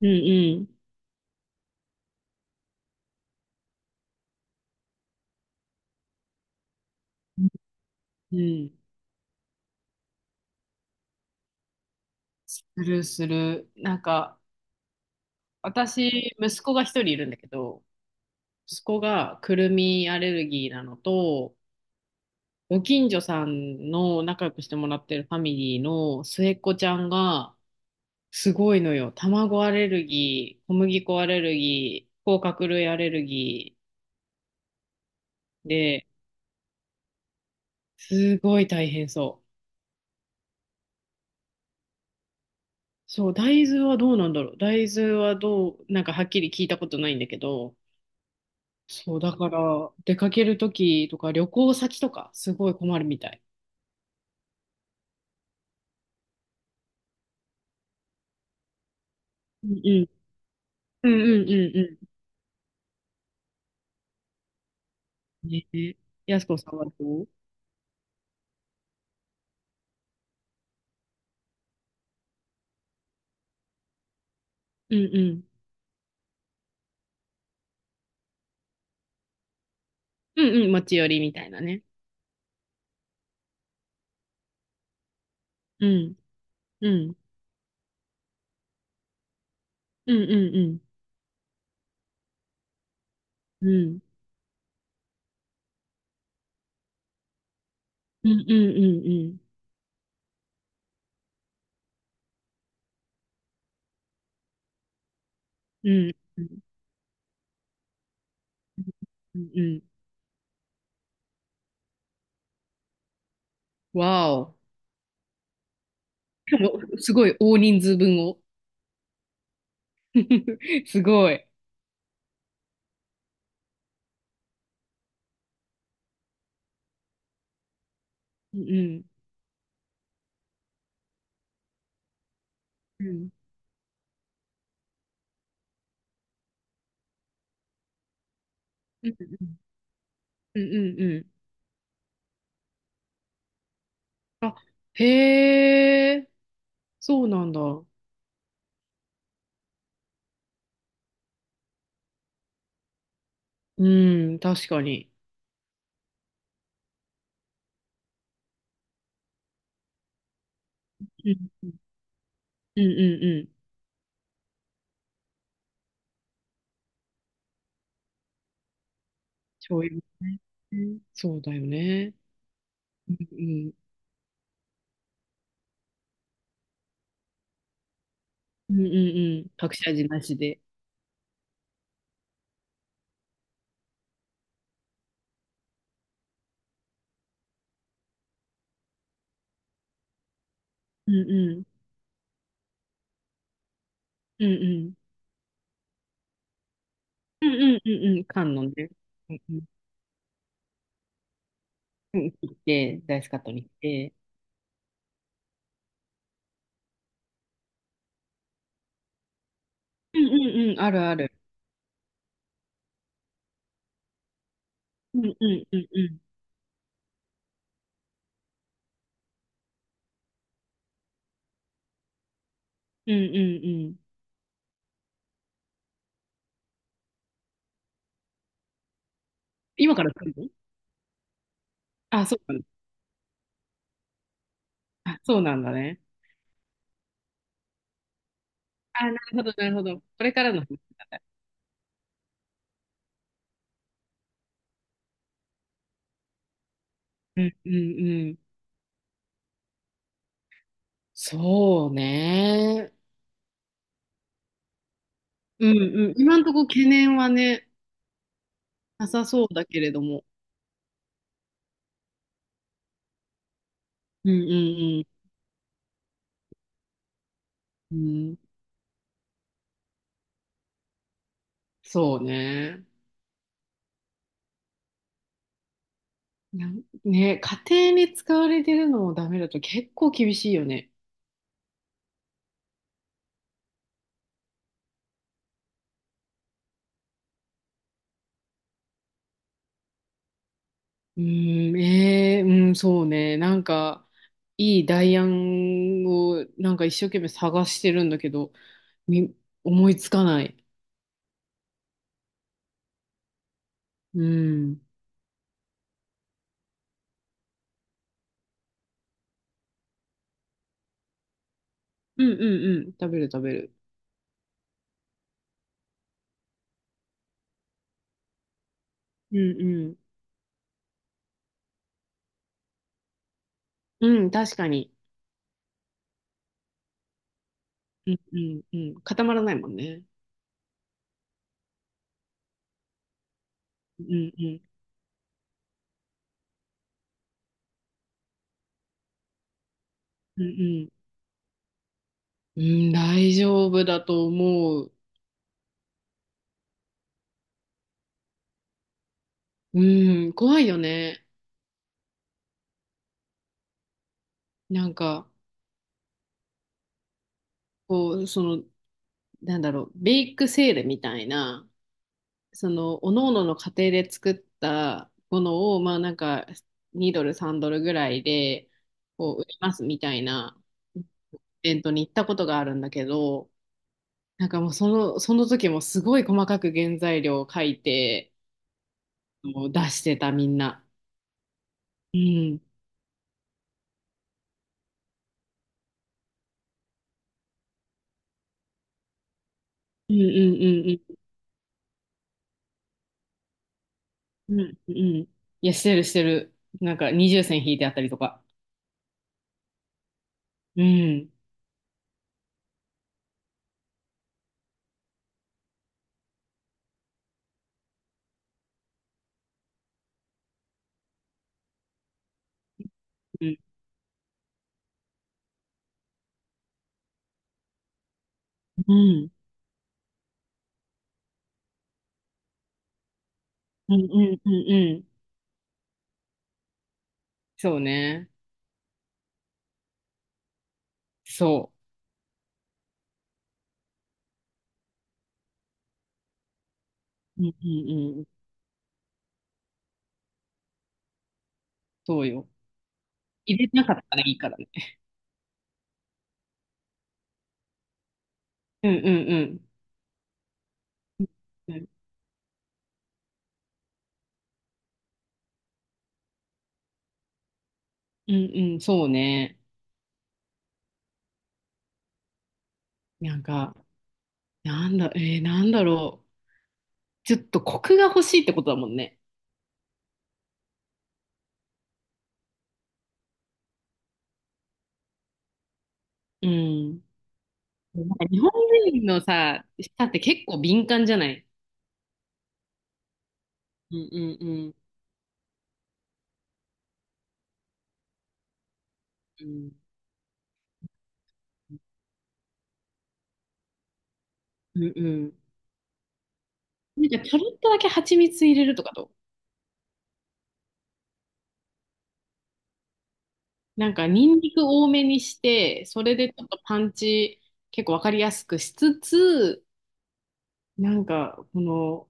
うんうんうん。するする。なんか、私、息子が一人いるんだけど、息子がくるみアレルギーなのと、ご近所さんの仲良くしてもらってるファミリーの末っ子ちゃんが、すごいのよ。卵アレルギー、小麦粉アレルギー、甲殻類アレルギーで、すごい大変そう。そう、大豆はどうなんだろう。大豆はどう、なんかはっきり聞いたことないんだけど、そう、だから、出かけるときとか、旅行先とか、すごい困るみたい。うんうん。うんうんうんうん。ねえ。やすこさんはどう？うんうん。うんうん。持ち寄りみたいなね。うん。うん。うんうんうん。うん。うんうんうんうん。うん。うんうんうん。わお。しかも、すごい大人数分を。すごい。うんうん。うん。うんうんうん。うんうんうん。あ、へえ、そうなんだ。うん、確かに。うん、うん、うん、うんうん。醤油もね。うんそうだよね。うん、うん、うん、うん。隠し味なしで。うん、うん、うん、うん。うん、うん、うん、うん。缶のね。うん、うん。うん、切って、ダイスカットにして。うん、うん、うん。あるある。うん、うん、うん、うん。うん、うん、うん。今から作るの？あ、そうなの。あ、そうなんだね。あ、なるほど、なるほど。これからの話なんだ。うん、うん、うん。そうね。うんうん。今んとこ懸念はね、なさそうだけれども。うんうんうん。うん、そうね。なんね、家庭に使われてるのもダメだと結構厳しいよね。うん、うん、そうね。なんか、いい代案をなんか一生懸命探してるんだけど、み、思いつかない。うん。うんうんうん。食べる食べる。うんうん。うん、確かに。うんうんうん。固まらないもんね。うんうん。うんうん。うん、大丈夫だと思う。うん、怖いよね。なんか、こう、その、なんだろう、ベイクセールみたいな、その、各々のの家庭で作ったものを、まあなんか、2ドル、3ドルぐらいで、こう、売りますみたいなイベントに行ったことがあるんだけど、なんかもうその、その時もすごい細かく原材料を書いて、もう出してたみんな。うん。うんうんうんうん、うん。いや、してる、してる。なんか、二重線引いてあったりとか。うん、うん、うん、うん、うん、うん。うんそうね。そう。うん、うん、うん。そうよ。入れてなかったらいいからね。うん、うん、うん。うん、うん、うんそうね。なんか、なんだろう。ちょっとコクが欲しいってことだもんね。うん。なんか日本人のさ、舌って結構敏感じゃない？うん、うん、うん。うん、うん、うん。なんかちょろっとだけ蜂蜜入れるとかと。なんかニンニク多めにして、それでちょっとパンチ結構わかりやすくしつつ、なんかこの、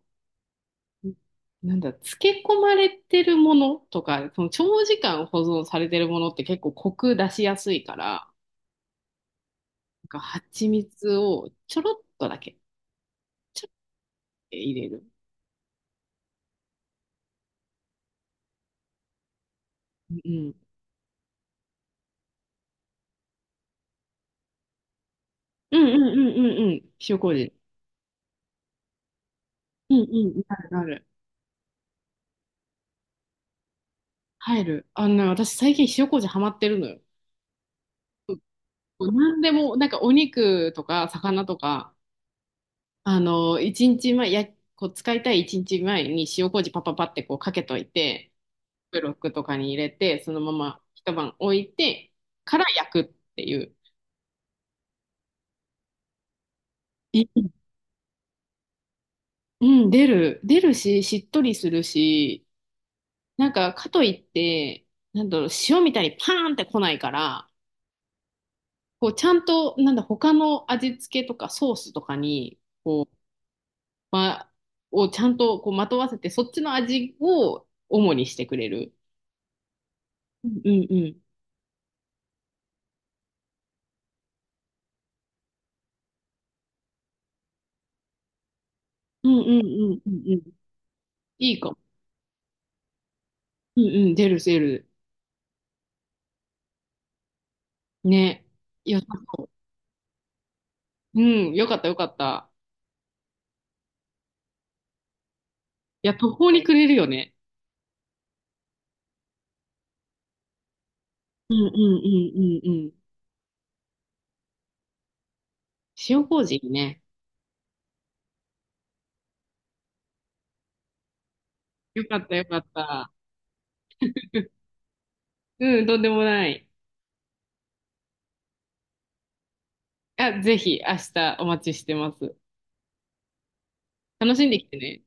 なんだ、漬け込まれてるものとか、その長時間保存されてるものって結構コク出しやすいから、なんか蜂蜜をちょろっとだけ、ちょっと入れる。うん。うんうんうんうんうん。塩麹。うんうん。なるなる。入る。あのね、私最近塩麹ハマってるのよ。何でも、なんかお肉とか魚とか、あの、一日前、や、こう使いたい一日前に塩麹パパパってこうかけといて、ブロックとかに入れて、そのまま一晩置いてから焼くっていう。いうん、出る。出るし、しっとりするし、なんかかといって、なんだろう、塩みたいにパーンって来ないから、こうちゃんと、なんだ、他の味付けとかソースとかに、ま、をちゃんとこうまとわせて、そっちの味を主にしてくれる。うんうんうん。うんうんうんうんうん。いいかも。うんうん、出る出る。ね。よさそう。うん、よかったよかった。いや、途方に暮れるよね。うんうんうんうんうん。塩麹ね。よかったよかった。うん、とんでもない。あ、ぜひ明日お待ちしてます。楽しんできてね。